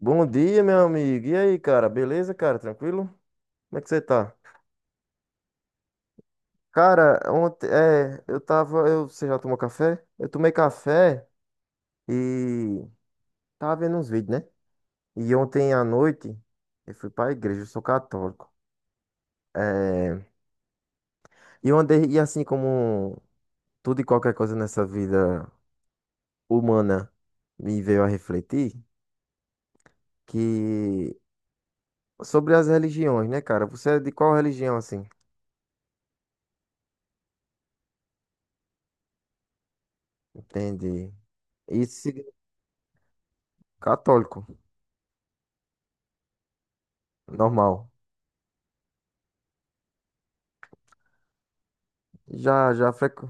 Bom dia, meu amigo. E aí, cara? Beleza, cara? Tranquilo? Como é que você tá? Cara, ontem, é, você já tomou café? Eu tomei café e tava vendo uns vídeos, né? E ontem à noite eu fui pra igreja, eu sou católico. É, e eu andei, e assim como tudo e qualquer coisa nessa vida humana me veio a refletir que sobre as religiões, né, cara? Você é de qual religião assim? Entende? Isso, católico, normal. Já frequ...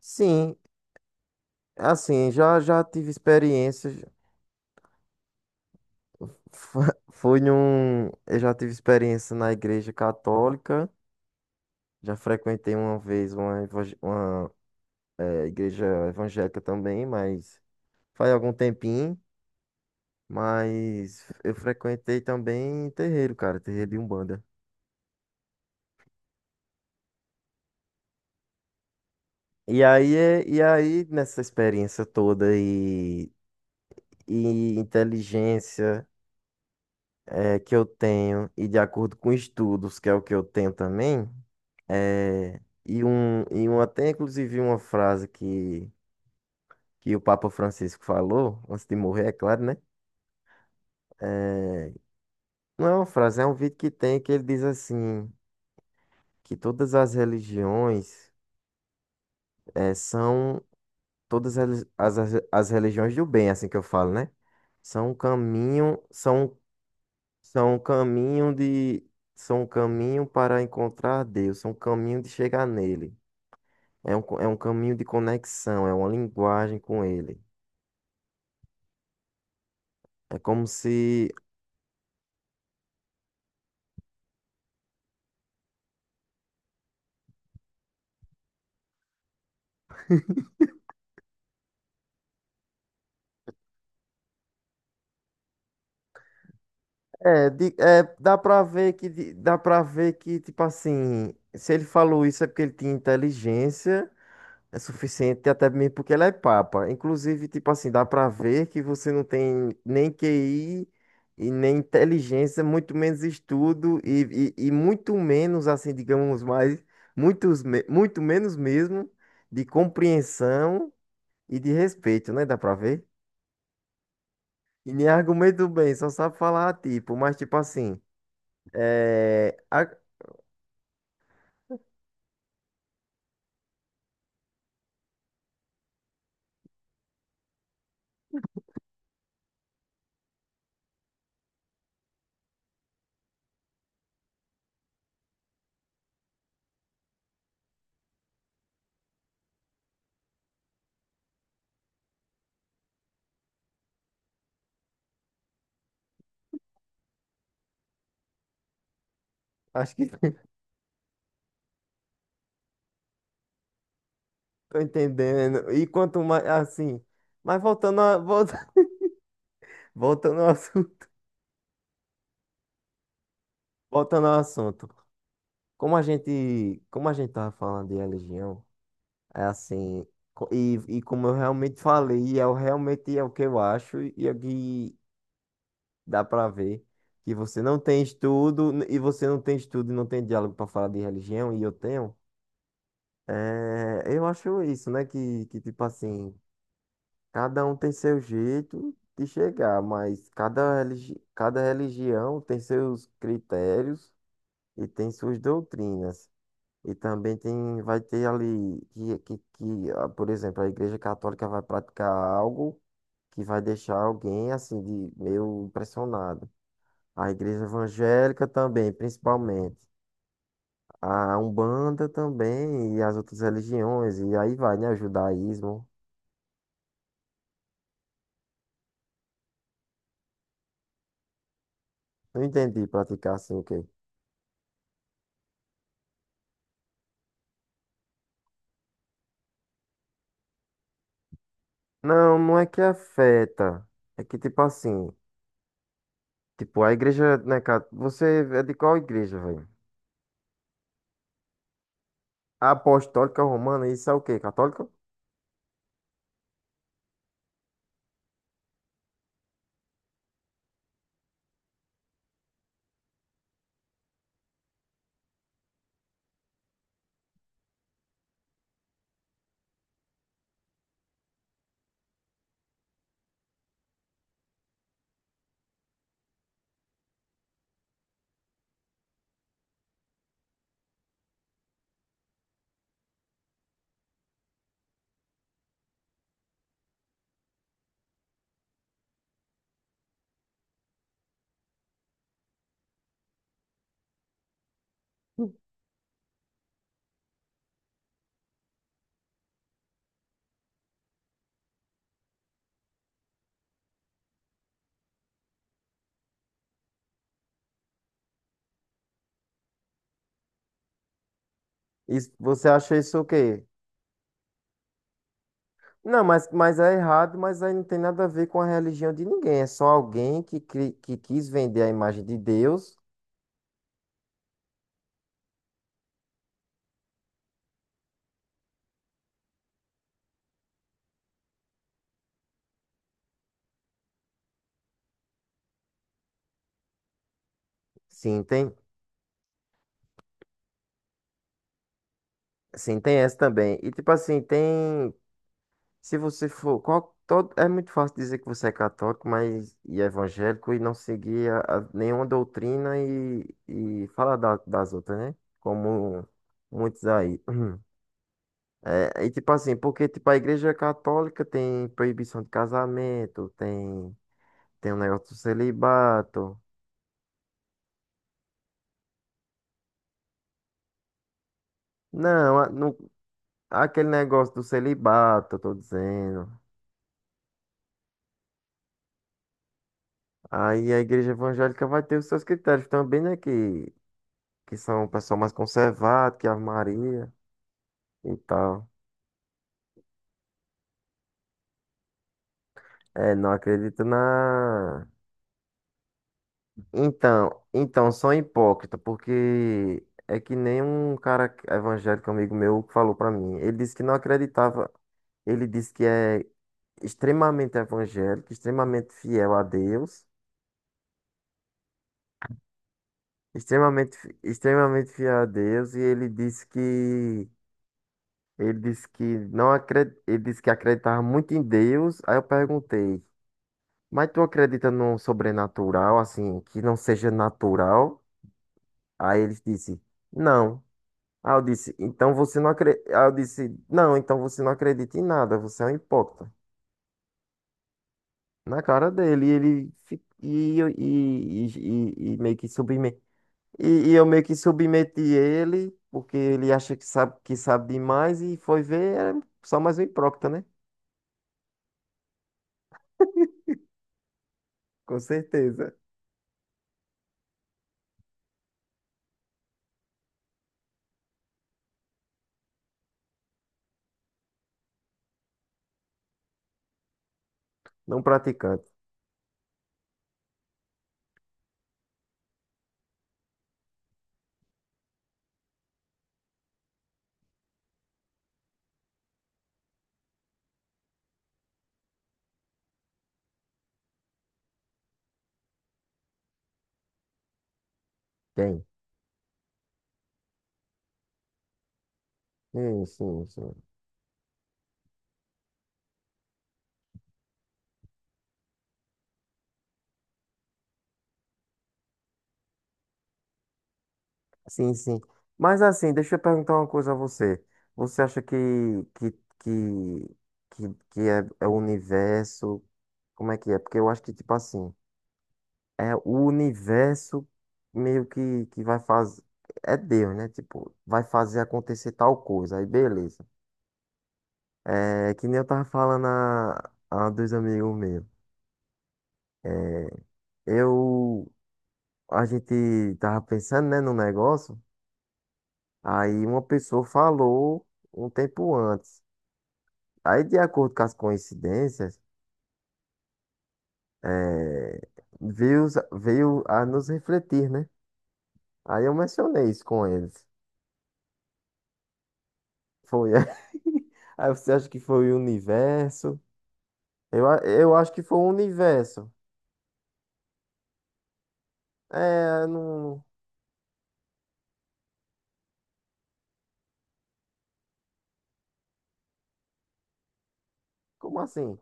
Sim, assim, já tive experiência. Foi num, eu já tive experiência na igreja católica. Já frequentei uma vez uma igreja evangélica também, mas faz algum tempinho. Mas eu frequentei também terreiro, cara, terreiro de Umbanda. E aí nessa experiência toda e inteligência. É que eu tenho, e de acordo com estudos, que é o que eu tenho também, é, e um, até inclusive uma frase que o Papa Francisco falou, antes de morrer, é claro, né? É, não é uma frase, é um vídeo que tem que ele diz assim, que todas as religiões é, são todas as, as, as religiões do bem, assim que eu falo, né? São um caminho, são um caminho de, são um caminho para encontrar Deus, são um caminho de chegar nele. É um caminho de conexão, é uma linguagem com ele. É como se. É, dá pra ver que, dá pra ver que, tipo assim, se ele falou isso é porque ele tinha inteligência, é suficiente, até mesmo porque ele é papa. Inclusive, tipo assim, dá pra ver que você não tem nem QI e nem inteligência, muito menos estudo e muito menos, assim, digamos mais, muito menos mesmo de compreensão e de respeito, né? Dá pra ver? E nem argumento bem, só sabe falar tipo, mas tipo assim, é, a- acho que tô entendendo. E quanto mais assim, mas voltando a, volta- voltando ao assunto, voltando ao assunto. Como a gente tava falando de religião, é assim, e como eu realmente falei, e eu realmente é o que eu acho e é o que dá pra ver que você não tem estudo e você não tem estudo e não tem diálogo pra falar de religião e eu tenho. É, eu acho isso, né? Que tipo assim, cada um tem seu jeito de chegar, mas cada, religi cada religião tem seus critérios e tem suas doutrinas. E também tem, vai ter ali que, ah, por exemplo, a Igreja Católica vai praticar algo que vai deixar alguém assim de meio impressionado. A Igreja Evangélica também, principalmente. A Umbanda também, e as outras religiões, e aí vai, né? O judaísmo. Não entendi praticar assim o quê? Não, não é que afeta. É que tipo assim, tipo, a igreja, né, cara? Você é de qual igreja, velho? Apostólica Romana, isso é o quê? Católica? Isso, você acha isso o quê? Não, mas é errado, mas aí não tem nada a ver com a religião de ninguém. É só alguém que, que quis vender a imagem de Deus. Sim, tem. Sim, tem essa também. E tipo assim, tem. Se você for, qual, todo, é muito fácil dizer que você é católico, mas e evangélico e não seguir a nenhuma doutrina e falar da- das outras, né? Como muitos aí. É, e tipo assim, porque tipo a igreja católica tem proibição de casamento, tem um negócio do celibato. Não, a- no, aquele negócio do celibato, eu tô dizendo. Aí a igreja evangélica vai ter os seus critérios também, né? Que são o pessoal mais conservado, que Ave Maria e tal. É, não acredito na. Então, sou hipócrita, porque é que nem um cara evangélico amigo meu que falou pra mim. Ele disse que não acreditava. Ele disse que é extremamente evangélico, extremamente fiel a Deus, extremamente, extremamente fiel a Deus, e ele disse que não acred, ele disse que acreditava muito em Deus. Aí eu perguntei: mas tu acredita num sobrenatural, assim, que não seja natural? Aí eles disse, não. Aí eu disse, então você não acredita. Aí eu disse, não, então você não acredita em nada, você é um hipócrita. Na cara dele, e ele e meio que submeti. E eu meio que submeti ele, porque ele acha que sabe demais, e foi ver, era só mais um hipócrita, né? Com certeza. Não praticante. Tem. Sim, sim, sim. Sim, sim. Mas assim, deixa eu perguntar uma coisa a você. Você acha que que que é o universo? Como é que é? Porque eu acho que tipo assim, é o universo meio que vai fazer é Deus, né? Tipo, vai fazer acontecer tal coisa. Aí beleza. É que nem eu tava falando a dois amigos meus. Eu a gente tava pensando, né, no negócio. Aí uma pessoa falou um tempo antes. Aí, de acordo com as coincidências, eh, veio, veio a nos refletir, né? Aí eu mencionei isso com eles. Foi. Aí você acha que foi o universo? Eu, eu acho que foi o universo. É, não. Como assim?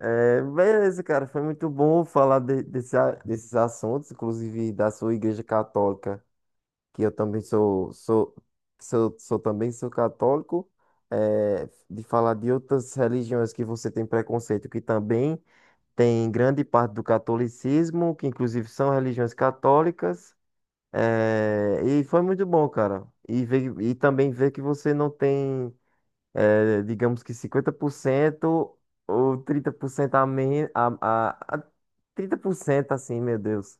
É, beleza, cara. Foi muito bom falar desse desses assuntos, inclusive da sua igreja católica. Que eu também sou, sou, sou, sou também sou católico, de falar de outras religiões que você tem preconceito, que também tem grande parte do catolicismo, que inclusive são religiões católicas, e foi muito bom, cara. E ver, e também ver que você não tem, digamos que 50% ou 30% a menos, a 30% assim, meu Deus,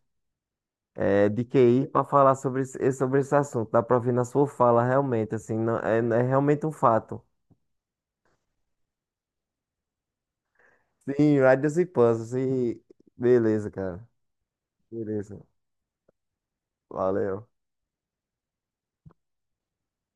é, de QI para falar sobre esse, sobre esse assunto. Dá para ouvir na sua fala, realmente, assim, não, é, é realmente um fato. Sim, Riders e Puzzles, e beleza, cara. Beleza, valeu.